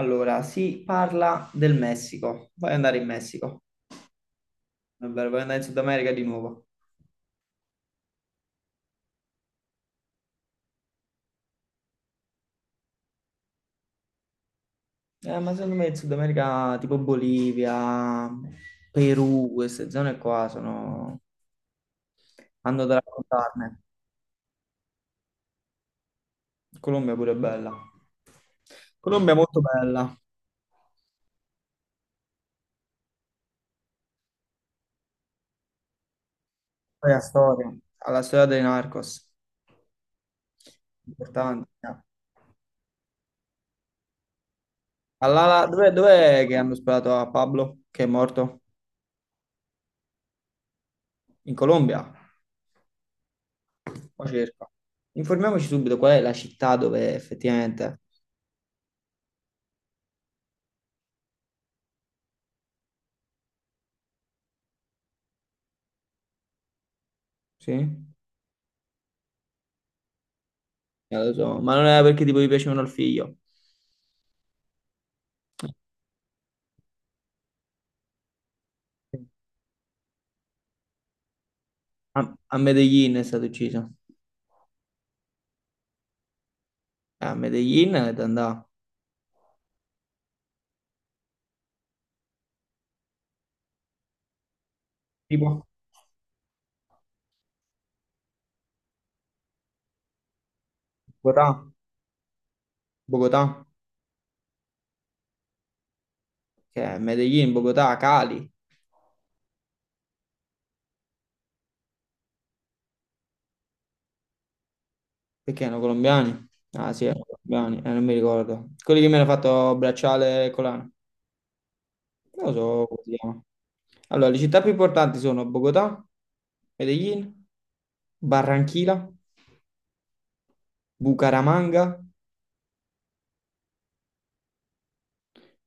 Allora, si parla del Messico. Vuoi andare in Messico? È vero, vuoi andare in Sud America di nuovo? Ma secondo me in Sud America, tipo Bolivia, Perù, queste zone qua hanno da raccontarne. Colombia pure è bella. Colombia è molto bella. Poi la storia. Ha la storia dei Narcos. Importante. Allala, dov'è che hanno sparato a Pablo, che è morto? In Colombia? Mo cerco. Informiamoci subito qual è la città dove effettivamente. Sì? Lo so, ma non era perché tipo gli piacevano il figlio. A, a Medellin è stato ucciso. A Medellin è da andare. Tipo? Bogotà. Bogotà. Che è Medellin, Bogotà, Cali. Perché erano colombiani? Ah sì, erano colombiani, non mi ricordo. Quelli che mi hanno fatto bracciale e collana. Non lo so come si chiama. Allora, le città più importanti sono Bogotà, Medellin, Barranquilla. Bucaramanga?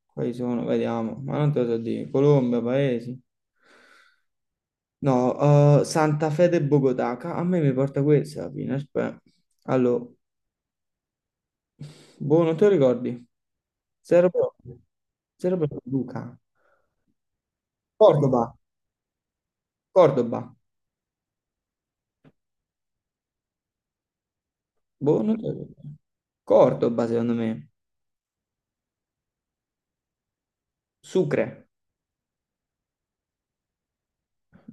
Quali sono? Vediamo. Ma non te lo so dire. Colombia, Paesi. No, Santa Fede e Bogotà. A me mi porta questa alla fine. Aspetta. Allora, boh, non te lo ricordi? Zero proprio. Zero proprio, Luca. Cordoba. Cordoba. Boh, non te lo ricordi. Cordoba, secondo me. Sucre.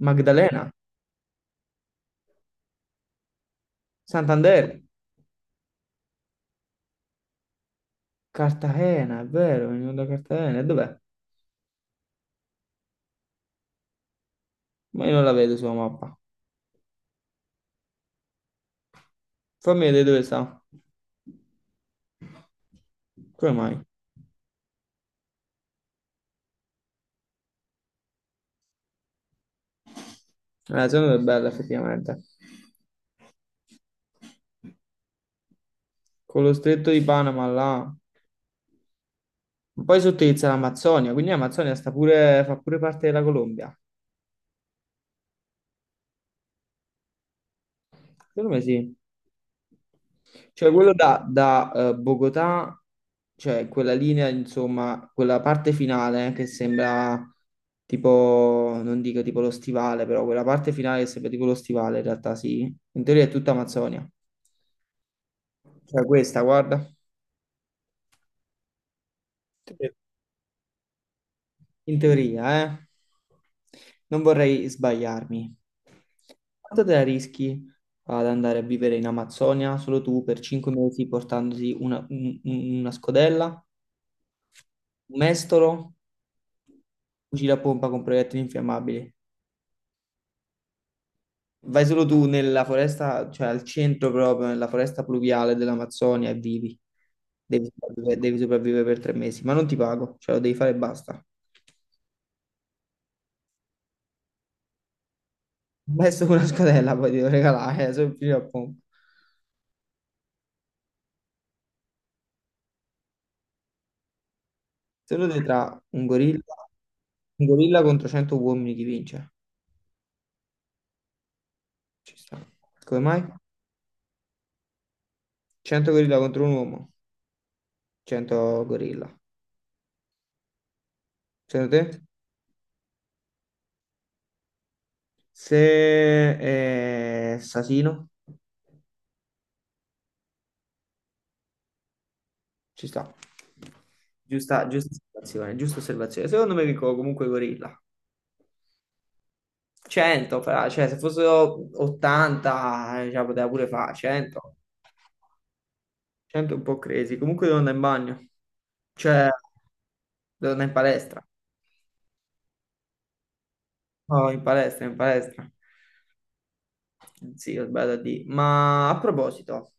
Magdalena. Santander. Cartagena, è vero, venivo da Cartagena. E dov'è? Ma io non la vedo sulla mappa. Fammi vedere dove sta. Come mai? La zona è bella effettivamente. Con lo stretto di Panama là. Ma poi sottilizza l'Amazzonia, quindi l'Amazzonia sta pure, fa pure parte della Colombia. Secondo me sì. Cioè quello da Bogotà, cioè quella linea, insomma, quella parte finale che sembra tipo, non dico tipo lo stivale, però quella parte finale che sembra tipo lo stivale, in realtà sì. In teoria è tutta Amazzonia. Cioè questa, guarda. In teoria, eh? Non vorrei sbagliarmi. Quanto te la rischi ad andare a vivere in Amazzonia solo tu per 5 mesi portandoti una scodella, un mestolo, fucile a pompa con proiettili infiammabili? Vai solo tu nella foresta, cioè al centro proprio, nella foresta pluviale dell'Amazzonia e vivi. Devi sopravvivere per 3 mesi, ma non ti pago, cioè lo devi fare e basta. Un Messo con una scodella poi ti devo regalare, solo il fucile a pompa. Se lo vedi tra un gorilla contro 100 uomini, chi vince? Ci sta. Come mai? 100 gorilla contro un uomo, 100 gorilla. Secondo te? Se è assassino, ci sta. Giusta, giusta osservazione, giusta osservazione. Secondo me vinco comunque i gorilla. 100, cioè se fossero 80, cioè, poteva pure fare 100. 100 è un po' crazy. Comunque devo andare in bagno, cioè devo andare in palestra. No, in palestra, in palestra. Sì, bella di. Ma a proposito,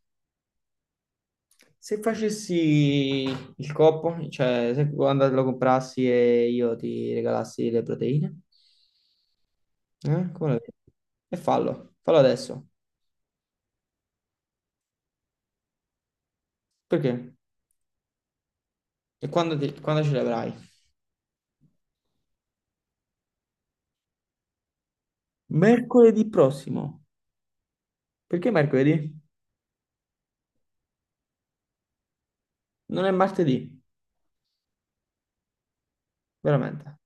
se facessi il coppo, cioè se quando lo comprassi e io ti regalassi le proteine, eh? Come lo vedi? E fallo, fallo adesso. Perché? E quando ce le avrai? Mercoledì prossimo. Perché mercoledì? Non è martedì, veramente.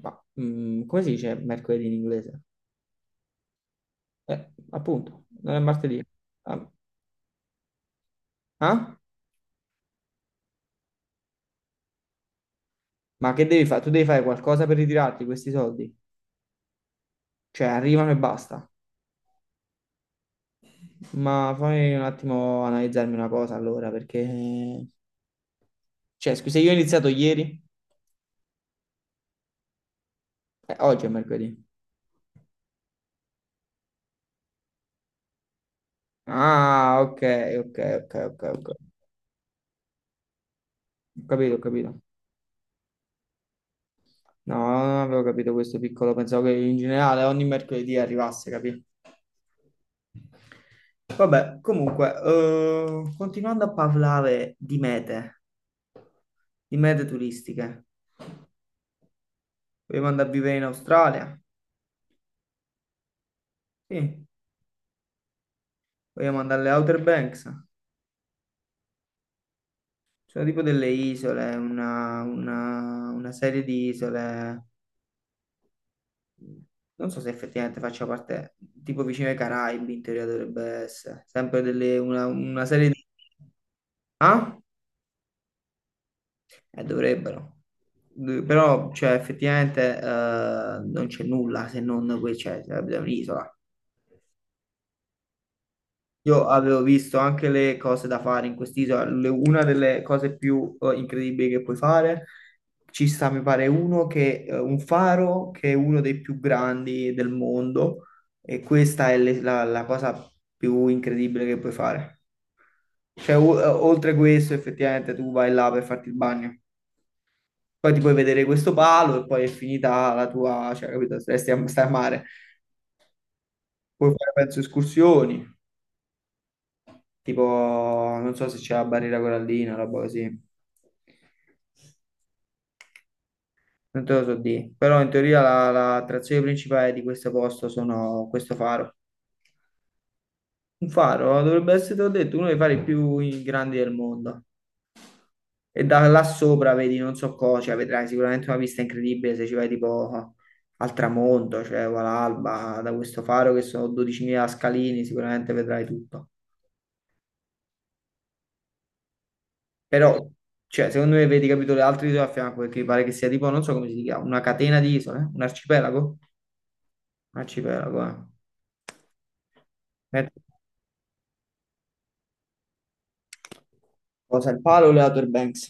Ma, come si dice mercoledì in inglese? Appunto, non è martedì. Ah, ah? Ma che devi fare? Tu devi fare qualcosa per ritirarti questi soldi? Cioè, arrivano e basta. Ma fammi un attimo analizzarmi una cosa allora, perché. Cioè, scusa, io ho iniziato ieri? Oggi è mercoledì. Ah, ok, ok, ok, ok, ok. Ho capito, ho capito. No, non avevo capito questo piccolo, pensavo che in generale ogni mercoledì arrivasse, capito? Vabbè, comunque, continuando a parlare di mete, turistiche, vogliamo andare a vivere in Australia? Sì, vogliamo andare alle Outer Banks? Sono tipo delle isole, una serie di isole. Non so se effettivamente faccia parte, tipo vicino ai Caraibi, in teoria dovrebbe essere. Sempre delle, una serie di. Ah? Dovrebbero. Però, cioè, effettivamente non c'è nulla se non qui c'è, sarebbe un'isola. Io avevo visto anche le cose da fare in quest'isola, una delle cose più incredibili che puoi fare, ci sta, mi pare, un faro che è uno dei più grandi del mondo e questa è la cosa più incredibile che puoi fare. Cioè, oltre questo, effettivamente tu vai là per farti il bagno. Poi ti puoi vedere questo palo e poi è finita la tua, cioè, capito, stai a mare. Puoi fare, penso, escursioni. Tipo, non so se c'è la barriera corallina, roba così. Non te lo so dire. Però in teoria la attrazione principale di questo posto sono questo faro. Un faro dovrebbe essere, te l'ho detto, uno dei fari più grandi del mondo. E da là sopra vedi non so cosa, cioè vedrai sicuramente una vista incredibile se ci vai tipo al tramonto, cioè o all'alba, da questo faro che sono 12.000 scalini, sicuramente vedrai tutto. Però, cioè, secondo me vedi, capito, le altre isole a fianco, perché mi pare che sia tipo, non so come si chiama, una catena di isole, un arcipelago? Un arcipelago, eh. Eh, cosa, il palo o le Outer Banks?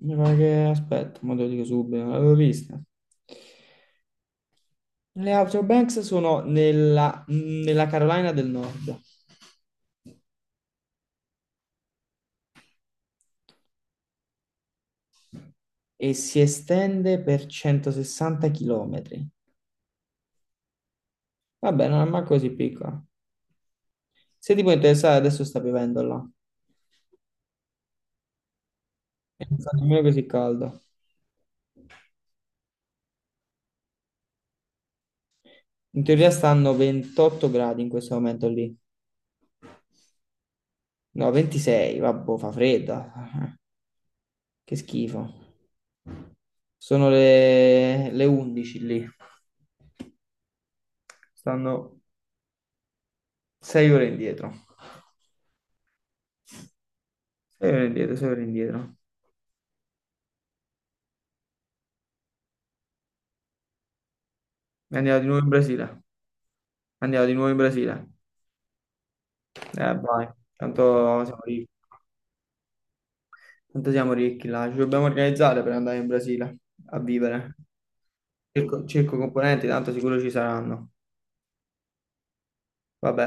Mi pare che, aspetta, mo te lo dico subito, non l'avevo vista. Le Outer Banks sono nella Carolina del Nord e si estende per 160 km. Vabbè, non è mai così piccola. Se ti può interessare, adesso sta piovendo là. E non fa nemmeno così caldo. In teoria stanno 28 gradi in questo momento lì. No, 26, vabbè, fa fredda. Che schifo. Sono le 11 lì. Stanno 6 ore indietro. 6 ore indietro, 6 ore indietro. E andiamo di nuovo in Brasile. Andiamo di nuovo in Brasile. Vai. Tanto siamo ricchi. Tanto siamo ricchi là. Ci dobbiamo organizzare per andare in Brasile a vivere. Cerco, cerco componenti, tanto sicuro ci saranno. Vabbè.